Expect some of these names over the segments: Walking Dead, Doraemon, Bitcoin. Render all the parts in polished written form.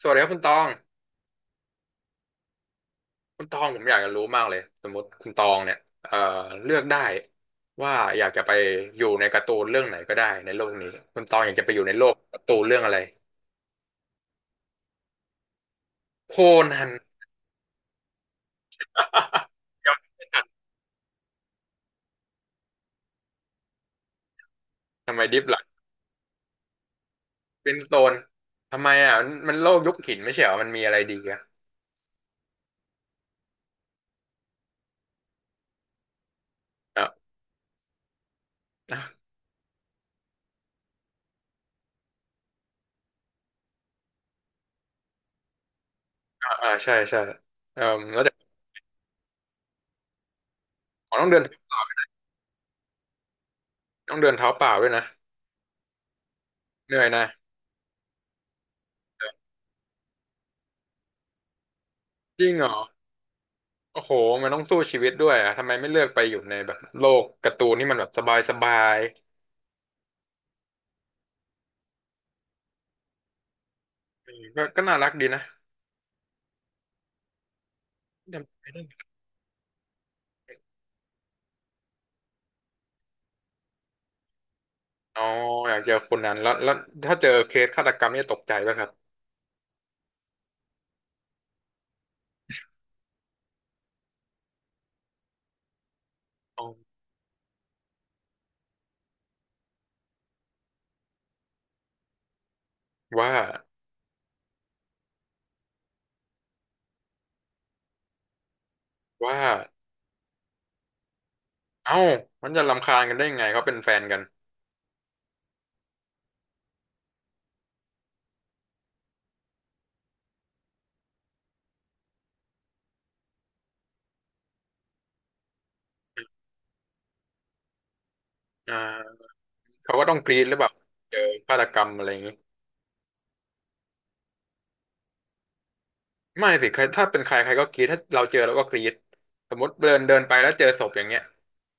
สวัสดีครับคุณตองคุณตองผมอยากจะรู้มากเลยสมมติคุณตองเนี่ยเอ่อเลือกได้ว่าอยากจะไปอยู่ในการ์ตูนเรื่องไหนก็ได้ในโลกนี้คุณตองอยากจะไปอยู่ในโลกการ์ตูนเรื่องอะไรโคนัน ยังไม่ทันทำไมดิฟหล่กเป็นโซนทำไมมันโลกยุคหินไม่ใช่เหรอมันมีอะไรดีอ่ะอ่าอ่าใช่ใช่เอ่อแล้วแต่อ๋อต้องเดินต้องเดินเท้าเปล่าด้วยนะเหนื่อยนะจริงเหรอ โอ้โหมันต้องสู้ชีวิตด้วยอ่ะทำไมไม่เลือกไปอยู่ในแบบโลกการ์ตูนที่มันแบบสบายสบายก็น่ารักดีนะจำไม่ได้อ๋ออยากเจอคนนั้นแล้วถ้าเจอเคสฆาตกรรมนี่จะตกใจป่ะครับอ๋อว่าว่าเอ้ามันจะรำคาญกันได้ยังไงเขาเป็นแฟนกันอ่าเขาก็ต้องกรี๊ดหรือแบบเเจอฆาตกรรมอะไรอย่างนี้ ไม่สิใครถ้าเป็นใครใครก็กรี๊ดถ้าเราเจอเราก็กรี๊ดสมมติเดินเดินไปแล้วเจอศพอย่างเงี้ย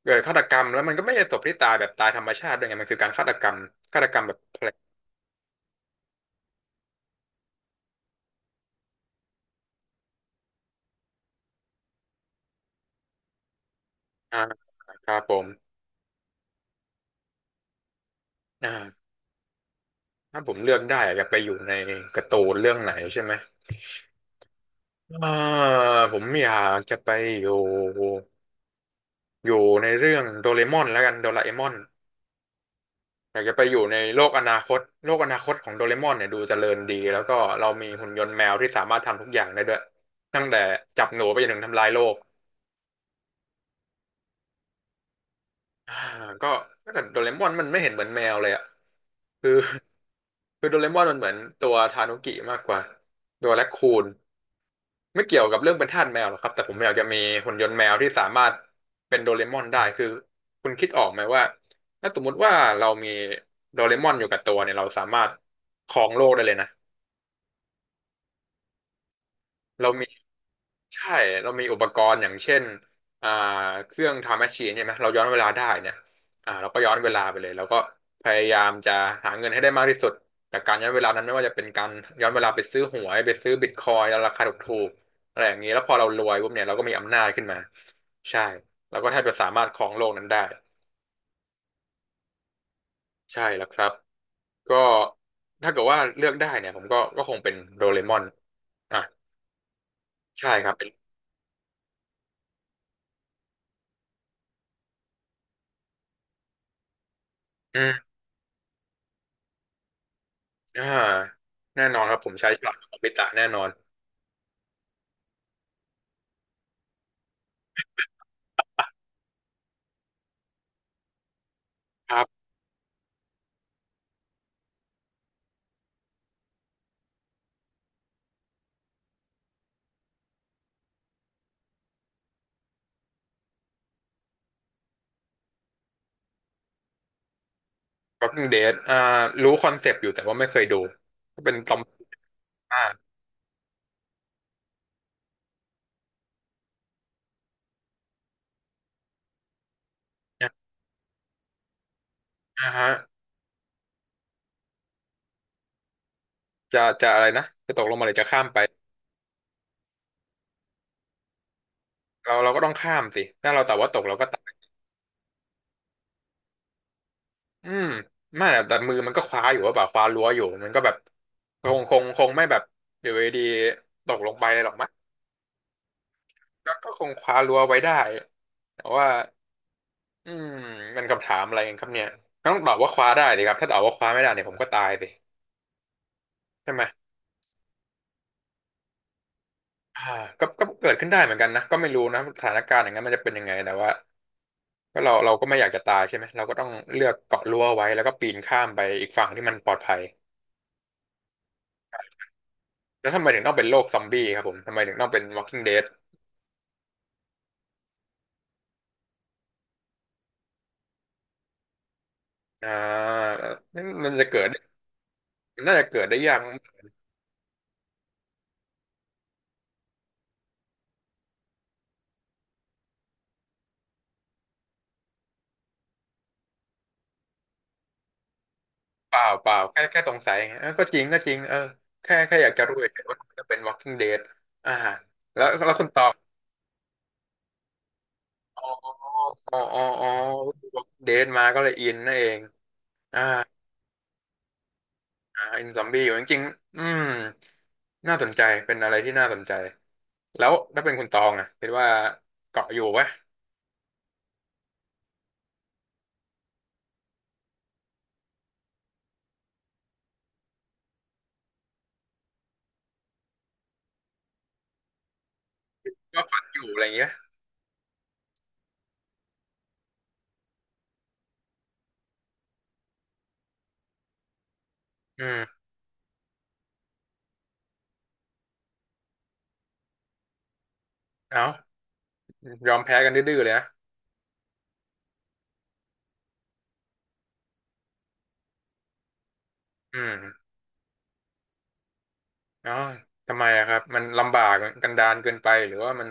เกิดฆาตกรรมแล้วมันก็ไม่ใช่ศพที่ตายแบบตายธรรมชาติด้วยไงมันคือการฆาตกรรมฆาตกรรมแบบแผลอ่าครับผมอ่าถ้าผมเลือกได้อยากไปอยู่ในการ์ตูนเรื่องไหนใช่ไหมอ่าผมอยากจะไปอยู่อยู่ในเรื่องโดเรมอนแล้วกันโดราเอมอน อยากจะไปอยู่ในโลกอนาคตโลกอนาคตของโดเรมอนเนี่ยดูเจริญดีแล้วก็เรามีหุ่นยนต์แมวที่สามารถทำทุกอย่างได้ด้วยตั้งแต่จับหนูไปจนถึงทำลายโลกอ่าก็ก็แต่โดเรมอนมันไม่เห็นเหมือนแมวเลยอ่ะคือคือโดเรมอนมันเหมือนตัวทานุกิมากกว่าตัวแรคคูนไม่เกี่ยวกับเรื่องเป็นทาสแมวหรอกครับแต่ผมอยากจะมีหุ่นยนต์แมวที่สามารถเป็นโดเรมอนได้คือคุณคิดออกไหมว่าถ้าสมมุติว่าเรามีโดเรมอนอยู่กับตัวเนี่ยเราสามารถครองโลกได้เลยนะเรามี ใช่เรามีอุปกรณ์ อย่างเช่นอ่าเครื่องไทม์แมชชีนเนี่ยไหมเราย้อนเวลาได้เนี่ยอ่าเราก็ย้อนเวลาไปเลยแล้วก็พยายามจะหาเงินให้ได้มากที่สุดจากการย้อนเวลานั้นไม่ว่าจะเป็นการย้อนเวลาไปซื้อหวยไปซื้อบิตคอยน์ราคาถูกๆอะไรอย่างนี้แล้วพอเรารวยปุ๊บเนี่ยเราก็มีอำนาจขึ้นมาใช่เราก็แทบจะสามารถครองโลกนั้นได้ใช่แล้วครับก็ถ้าเกิดว่าเลือกได้เนี่ยผมก็คงเป็นโดเรมอนอ่ะใช่ครับเป็นอืม อ่าแน่นอนครับผมใช้ฉลามโงบิตะแน่นอนครับ Walking Dead อ่ารู้คอนเซปต์อยู่แต่ว่าไม่เคยดูก็เป็นตอมอ่าอ่าฮะจะอะไรนะจะตกลงมาหรือจะข้ามไปเราก็ต้องข้ามสิถ้าเราแต่ว่าตกเราก็ตายอืมไม่แต่มือมันก็คว้าอยู่ว่าแบบคว้ารั้วอยู่มันก็แบบคงไม่แบบอยู่ดีๆตกลงไปหรอกมั้งก็คงคว้ารั้วไว้ได้แต่ว่าอืมมันคำถามอะไรกันครับเนี่ยต้องตอบว่าคว้าได้ดิครับถ้าตอบว่าคว้าไม่ได้เนี่ยผมก็ตายสิ ใช่ไหมอ่าก็เกิดขึ้นได้เหมือนกันนะก็ไม่รู้นะสถานการณ์อย่างนั้นมันจะเป็นยังไงแต่ว่าก็เราก็ไม่อยากจะตายใช่ไหมเราก็ต้องเลือกเกาะรั้วไว้ แล้วก็ปีนข้ามไปอีกฝั่งที่มันปลอดภัย แล้วทำไมถึงต้องเป็นโรคซอมบี้ครับผมทำไมถึงต้องเป็น Walking Dead อ่านั่นมันจะเกิดมันน่าจะเกิดได้ยากเปล่าแค่สงสัยไงเออก็จริงเออแค่อยากจะรู้เฉยๆว่าทำไมต้องเป็น Walking Dead อ่าแล้วคุณตอบอ๋ออ๋อ Walking Dead มาก็เลยอินนั่นเอง อ่าอินซอมบี้อยู่จริงๆอืมน่าสนใจเป็นอะไรที่น่าสนใจแล้วถ้าเป็นคุณตองอ่ะคิดว่าเกาะอยู่ปะก็ฝันอยู่อะไรอย่างเงี้ยอืมเอายอมแพ้กันดื้อๆเลยนะอืมเอ้าทำไมอะครับมันลำบากกันดารเกินไปหรือว่ามัน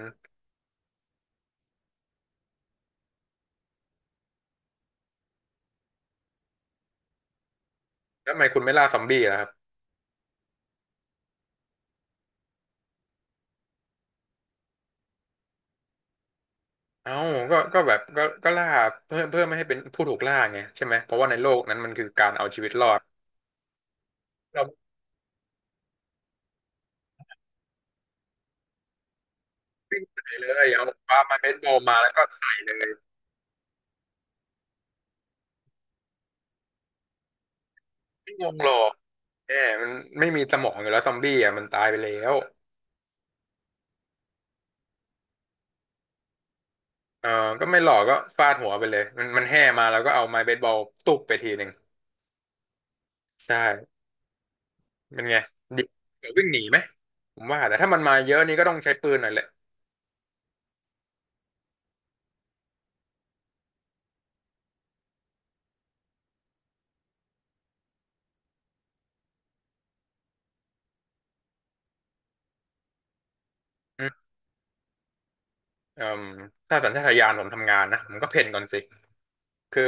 แล้วทำไมคุณไม่ล่าซอมบี้ล่ะครับเอ้าก็แบบก็ล่าเพื่อไม่ให้เป็นผู้ถูกล่าไงใช่ไหมเพราะว่าในโลกนั้นมันคือการเอาชีวิตรอดเราไม่ใส่เลยเอาปลาไม้เบสบอลมาแล้วก็ใส่เลย ไม่งงหรอกแหมมันไม่มีสมองอยู่แล้วซอมบี้อ่ะมันตายไปแล้วเออก็ไม่หลอกก็ฟาดหัวไปเลย มันแห่มาแล้วก็เอาไม้เบสบอลตุบไปทีหนึ่ง ใช่เป็นไงดิเดี๋ยววิ่งหนีไหมผมว่าแต่ถ้ามันมาเยอะนี่ก็ต้องใช้ปืนหน่อยแหละอืมเอ่มถ้าสัญชาตญาณผมทำงานนะผมก็เพ่นก่อนสิ คือ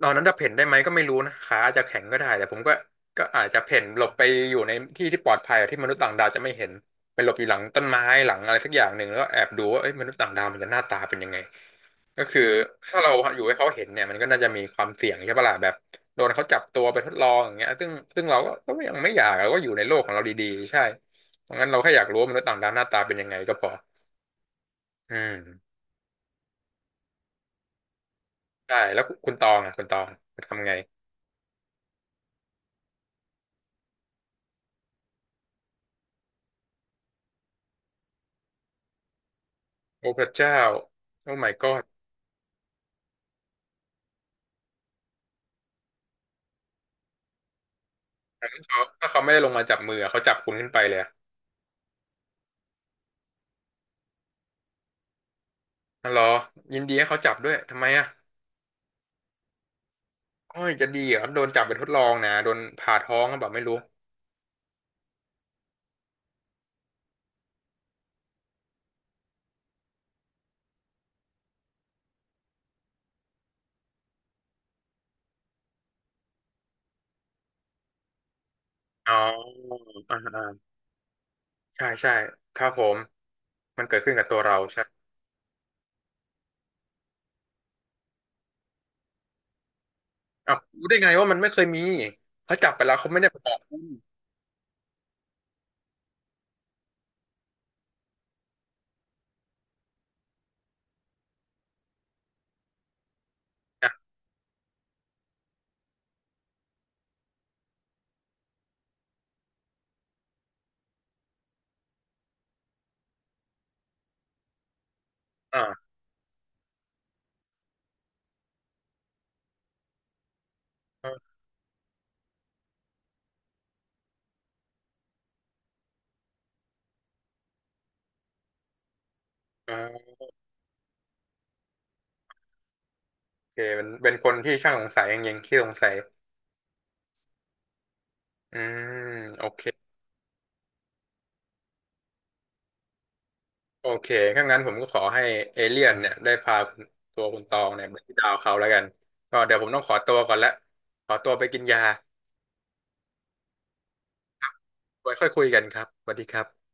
ตอนนั้นจะเพ่นได้ไหมก็ไม่รู้นะขาอาจจะแข็งก็ได้แต่ผมก็อาจจะเพ่นหลบไปอยู่ในที่ที่ปลอดภัยอะที่มนุษย์ต่างดาวจะไม่เห็นไปหลบอยู่หลังต้นไม้หลังอะไรสักอย่างหนึ่งแล้วก็แอบดูว่าเอ้ยมนุษย์ต่างดาวมันจะหน้าตาเป็นยังไงก็คือถ้าเราอยู่ให้เขาเห็นเนี่ยมันก็น่าจะมีความเสี่ยงใช่ปะล่ะแบบโดนเขาจับตัวไปทดลองอย่างเงี้ยซึ่งเราก็ยังไม่อยากเราก็อยู่ในโลกของเราดีๆใช่เพราะงั้นเราแค่อยากรู้ว่ามนุษย์ต่างดาวหน้าตาเป็นยังไงก็พออืมใช่แล้วคุณตองอ่ะคุณตองคุณทำไง โอ้พระเจ้าโอ้ my god เขาถ้าเขาไม่ได้ลงมาจับมืออะเขาจับคุณขึ้นไปเลยอะอ๋อเหรอยินดีให้เขาจับด้วยทำไมอ่ะโอ้ยจะดีเหรอโดนจับไปนทดลองนะโดนผ่าท้องแบบไม่รู้อ๋ออ่าอ่าใช่ใช่ครับผมมันเกิดขึ้นกับตัวเราใช่อ้าวรู้ได้ไงว่ามันไม่เคยมีเขาจับไปแล้วเขาไม่ได้ไปบอกคุณนะอ่าอ่าอ่าโอเคเป็นคนที่ช่างสงสัยจริงๆขี้สงสัยอืมโอเค โอเคถ้างั้นผมก็ขอให้เอเลี่ยนเนี่ยได้พาคุณตัวคุณตองเนี่ยไปที่ดาวเขาแล้วกันก็เดี๋ยวผมต้องขอตัวก่อนละขอตัวไปกินยาไว้ค่อยคุยกันครับสวัสดีครับ